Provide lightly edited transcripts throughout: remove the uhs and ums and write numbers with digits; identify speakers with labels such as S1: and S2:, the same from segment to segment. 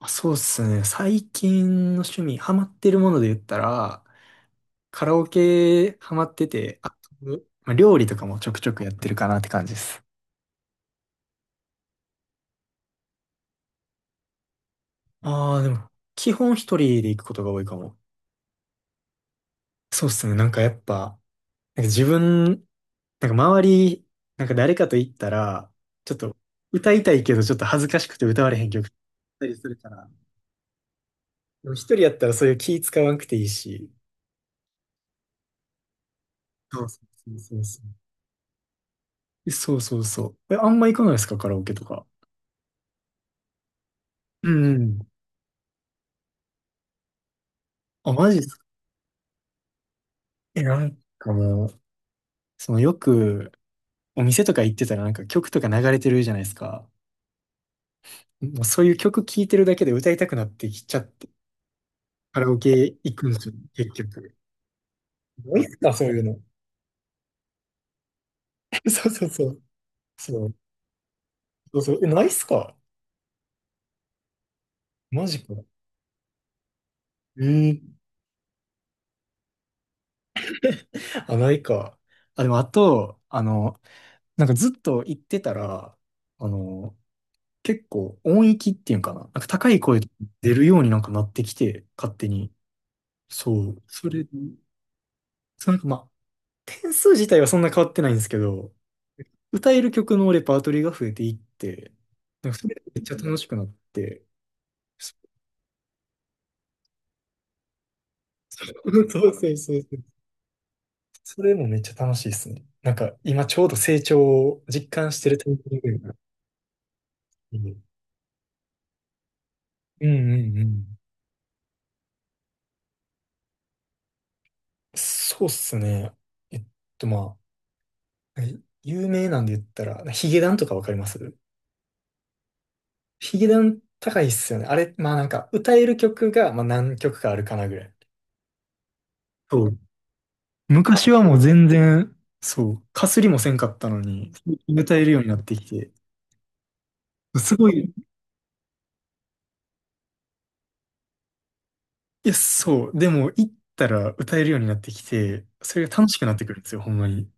S1: そうですね。最近の趣味、ハマってるもので言ったら、カラオケハマってて、あと、料理とかもちょくちょくやってるかなって感じです。でも、基本一人で行くことが多いかも。そうですね。やっぱ、なんか自分、なんか周り、なんか誰かと行ったら、ちょっと歌いたいけどちょっと恥ずかしくて歌われへん曲だったりするから、でも一人やったらそういう気使わんくていいし。そうそうそうそうそう。そうそうそう。え、あんま行かないですか、カラオケとか。うん。あ、マジっすか？え、なんかもう、そのよくお店とか行ってたらなんか曲とか流れてるじゃないですか。もうそういう曲聴いてるだけで歌いたくなってきちゃって、カラオケ行くんですよ、結局。ないっすか、そういうの。そうそうそう。そう。そうそう。え、ないっすか？マジか。え、あ、ないか。あ、でもあと、あの、なんかずっと行ってたら、あの、結構音域っていうんかな。なんか高い声出るようになんかなってきて、勝手に。そう。それ、そうなんかまあ、点数自体はそんな変わってないんですけど、歌える曲のレパートリーが増えていって、なんかそれがめっちゃ楽しくなって、そ そうそうそうそう。それもめっちゃ楽しいですね。なんか今ちょうど成長を実感してるタイミングが、うんうんうん。そうっすね。えっとま有名なんで言ったら、ヒゲダンとかわかります？ヒゲダン高いっすよね。あれ、まあなんか歌える曲が、まあ、何曲かあるかなぐらい。そう、昔はもう全然、そう、かすりもせんかったのに、歌えるようになってきて、すごい、や、そう、でも行ったら歌えるようになってきて、それが楽しくなってくるんですよ、ほんまに。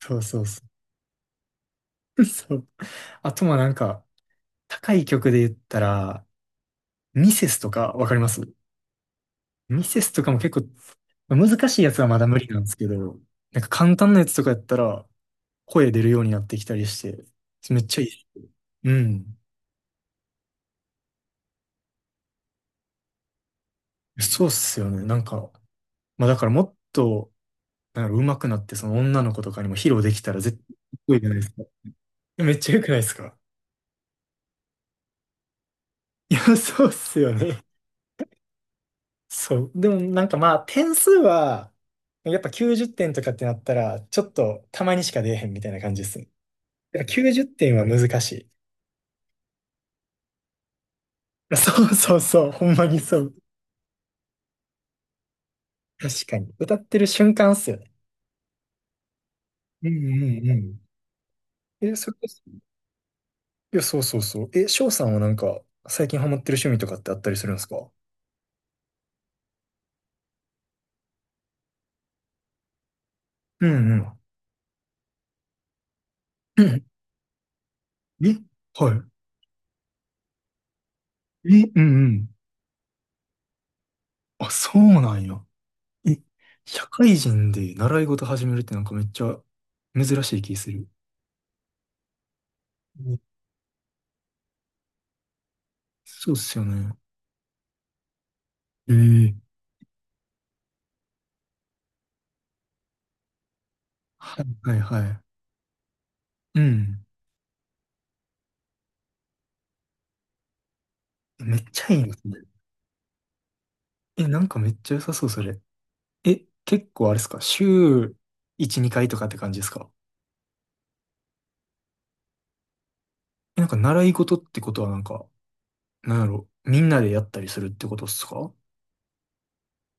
S1: そうそうそう。そう。あとまあなんか、高い曲で言ったら、ミセスとかわかります？ミセスとかも結構、難しいやつはまだ無理なんですけど、なんか簡単なやつとかやったら、声出るようになってきたりして、めっちゃいい。うん。そうっすよね。なんか、まあだからもっと、なんか上手くなって、その女の子とかにも披露できたら絶対かっこいいじゃないですか。いやめっちゃ良くないですか？ いや、そうっすよね。そう。でもなんかまあ、点数は、やっぱ90点とかってなったら、ちょっとたまにしか出えへんみたいな感じですね。だから90点は難しい。そうそうそう、ほんまにそう。確かに。歌ってる瞬間っすよね。うんうんうん。え、それこそ、いや、そうそうそう。え、翔さんはなんか、最近ハマってる趣味とかってあったりするんですか？うんうん。うん、え、はい。え、うんうん。あ、そうなんや。え、社会人で習い事始めるってなんかめっちゃ珍しい気する。え、そうっすよね。ええ、はいはいはい。うん。めっちゃいいな、それ。え、なんかめっちゃ良さそう、それ。え、結構あれっすか、週1、2回とかって感じですか？え、なんか習い事ってことはなんか、なんやろ、みんなでやったりするってことっすか？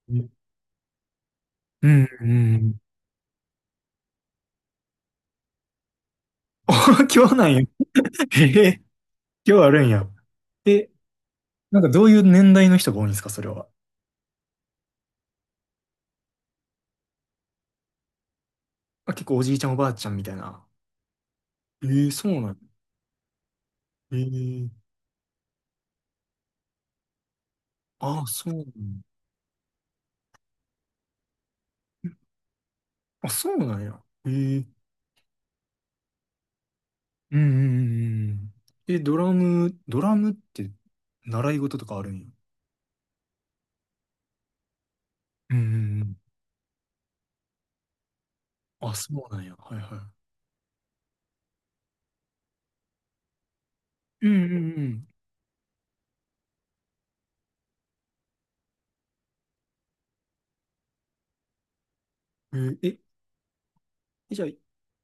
S1: うんうんうん。今日なんや。ええ、今日あるんや。え、なんかどういう年代の人が多いんですか、それは。あ、結構おじいちゃんおばあちゃんみたいな。ええ、そうなんや。ええ、ああ、そうなんや。あ、そうなんや。ええ、うんうんうんうん。え、ドラムって習い事とかあるんや。うんうんうん。あ、そうなんや。はいはい。うんうんうん。えー、え、じゃあ、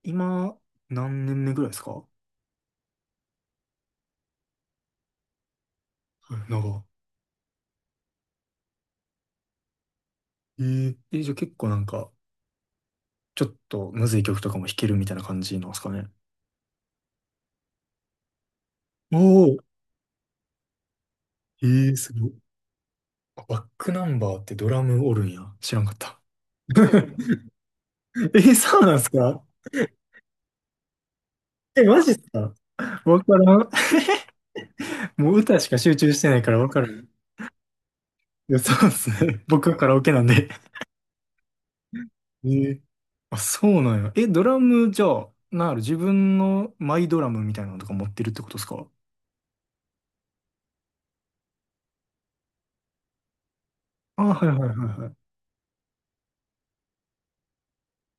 S1: 今、何年目ぐらいですか？はい、長。えー、え、じゃあ結構なんか、ちょっとむずい曲とかも弾けるみたいな感じなんですかね。お、お、えー、すごい。あ、バックナンバーってドラムおるんや。知らんかった。え、そうなんすか？え、マジっすか？わからん。もう歌しか集中してないからわからん。いや、そうですね。僕はカラオケなんで。ええ、あ、そうなんや。え、ドラムじゃあ、なんやろ、自分のマイドラムみたいなのとか持ってるってことですか？あ、はいはいはいはい。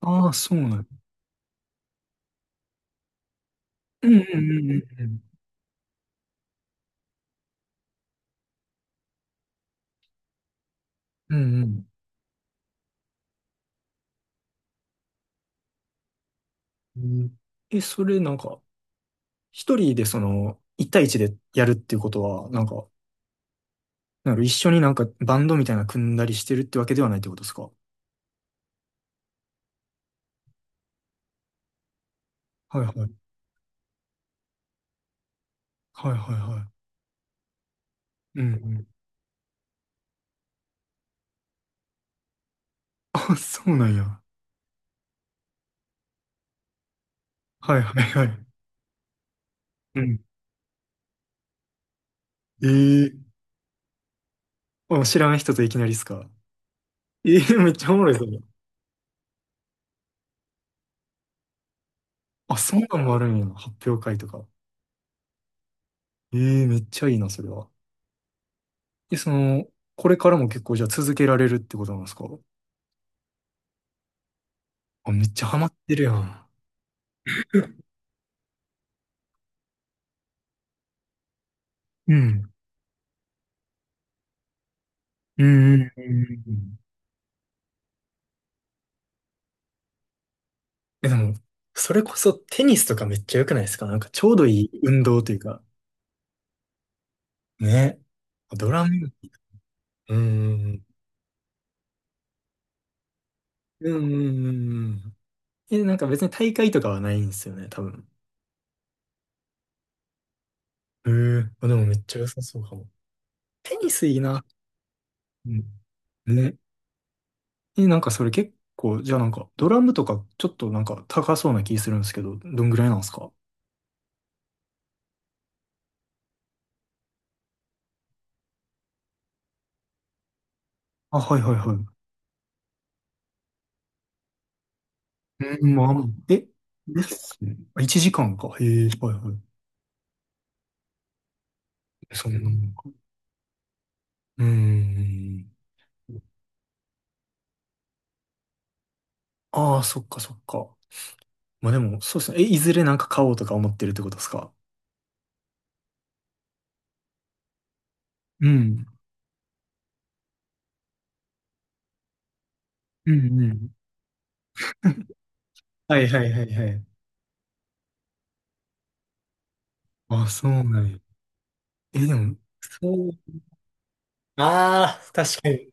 S1: ああ、そうなんや。うんうんうんうんうん。うんうん。うん、え、それなんか、一人でその、一対一でやるっていうことは、なんか、なる一緒になんかバンドみたいなの組んだりしてるってわけではないってことですか？はいはい。はいはいはい。うんうん。あ、そうなんや。はいはいはい。うん。ええ、あ、知らん人といきなりっすか？ええ、めっちゃおもろいそれ。あ、そんなんもあるんやな。発表会とか。ええ、めっちゃいいな、それは。え、その、これからも結構じゃあ続けられるってことなんですか？あ、めっちゃハマってるやん。うん。うんうんうんうん、え、でも、それこそテニスとかめっちゃ良くないですか、なんかちょうどいい運動というか。ね。ドラム、うん、うん、うん、うん。うん、え、なんか別に大会とかはないんですよね、多分。へえ、あ、でもめっちゃ良さそうかも。テニスいいな。うん。ね。え、なんかそれ結構、じゃあなんか、ドラムとかちょっとなんか高そうな気するんですけど、どんぐらいなんですか？あ、はいはいはい。うん、まあ、え、ですね。1時間かんか。へえ、はいはい。そんなもんか。うん。ああ、そっかそっか。まあでも、そうですね。え、いずれなんか買おうとか思ってるってことですか？うん。うんうん。はいはいはいはい。あ、そうなんや。え、でも、そう、ああ、確かに。い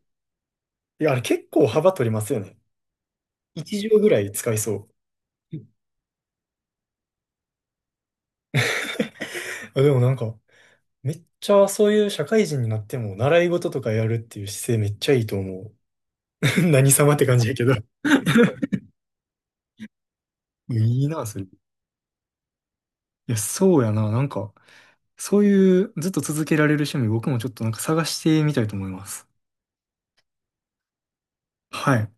S1: や、あれ結構幅取りますよね。1畳ぐらい使いそう。あ、でもなんか、めっちゃそういう社会人になっても習い事とかやるっていう姿勢めっちゃいいと思う。何様って感じやけど。いいな、それ。いや、そうやな。なんか、そういうずっと続けられる趣味、僕もちょっとなんか探してみたいと思います。はい。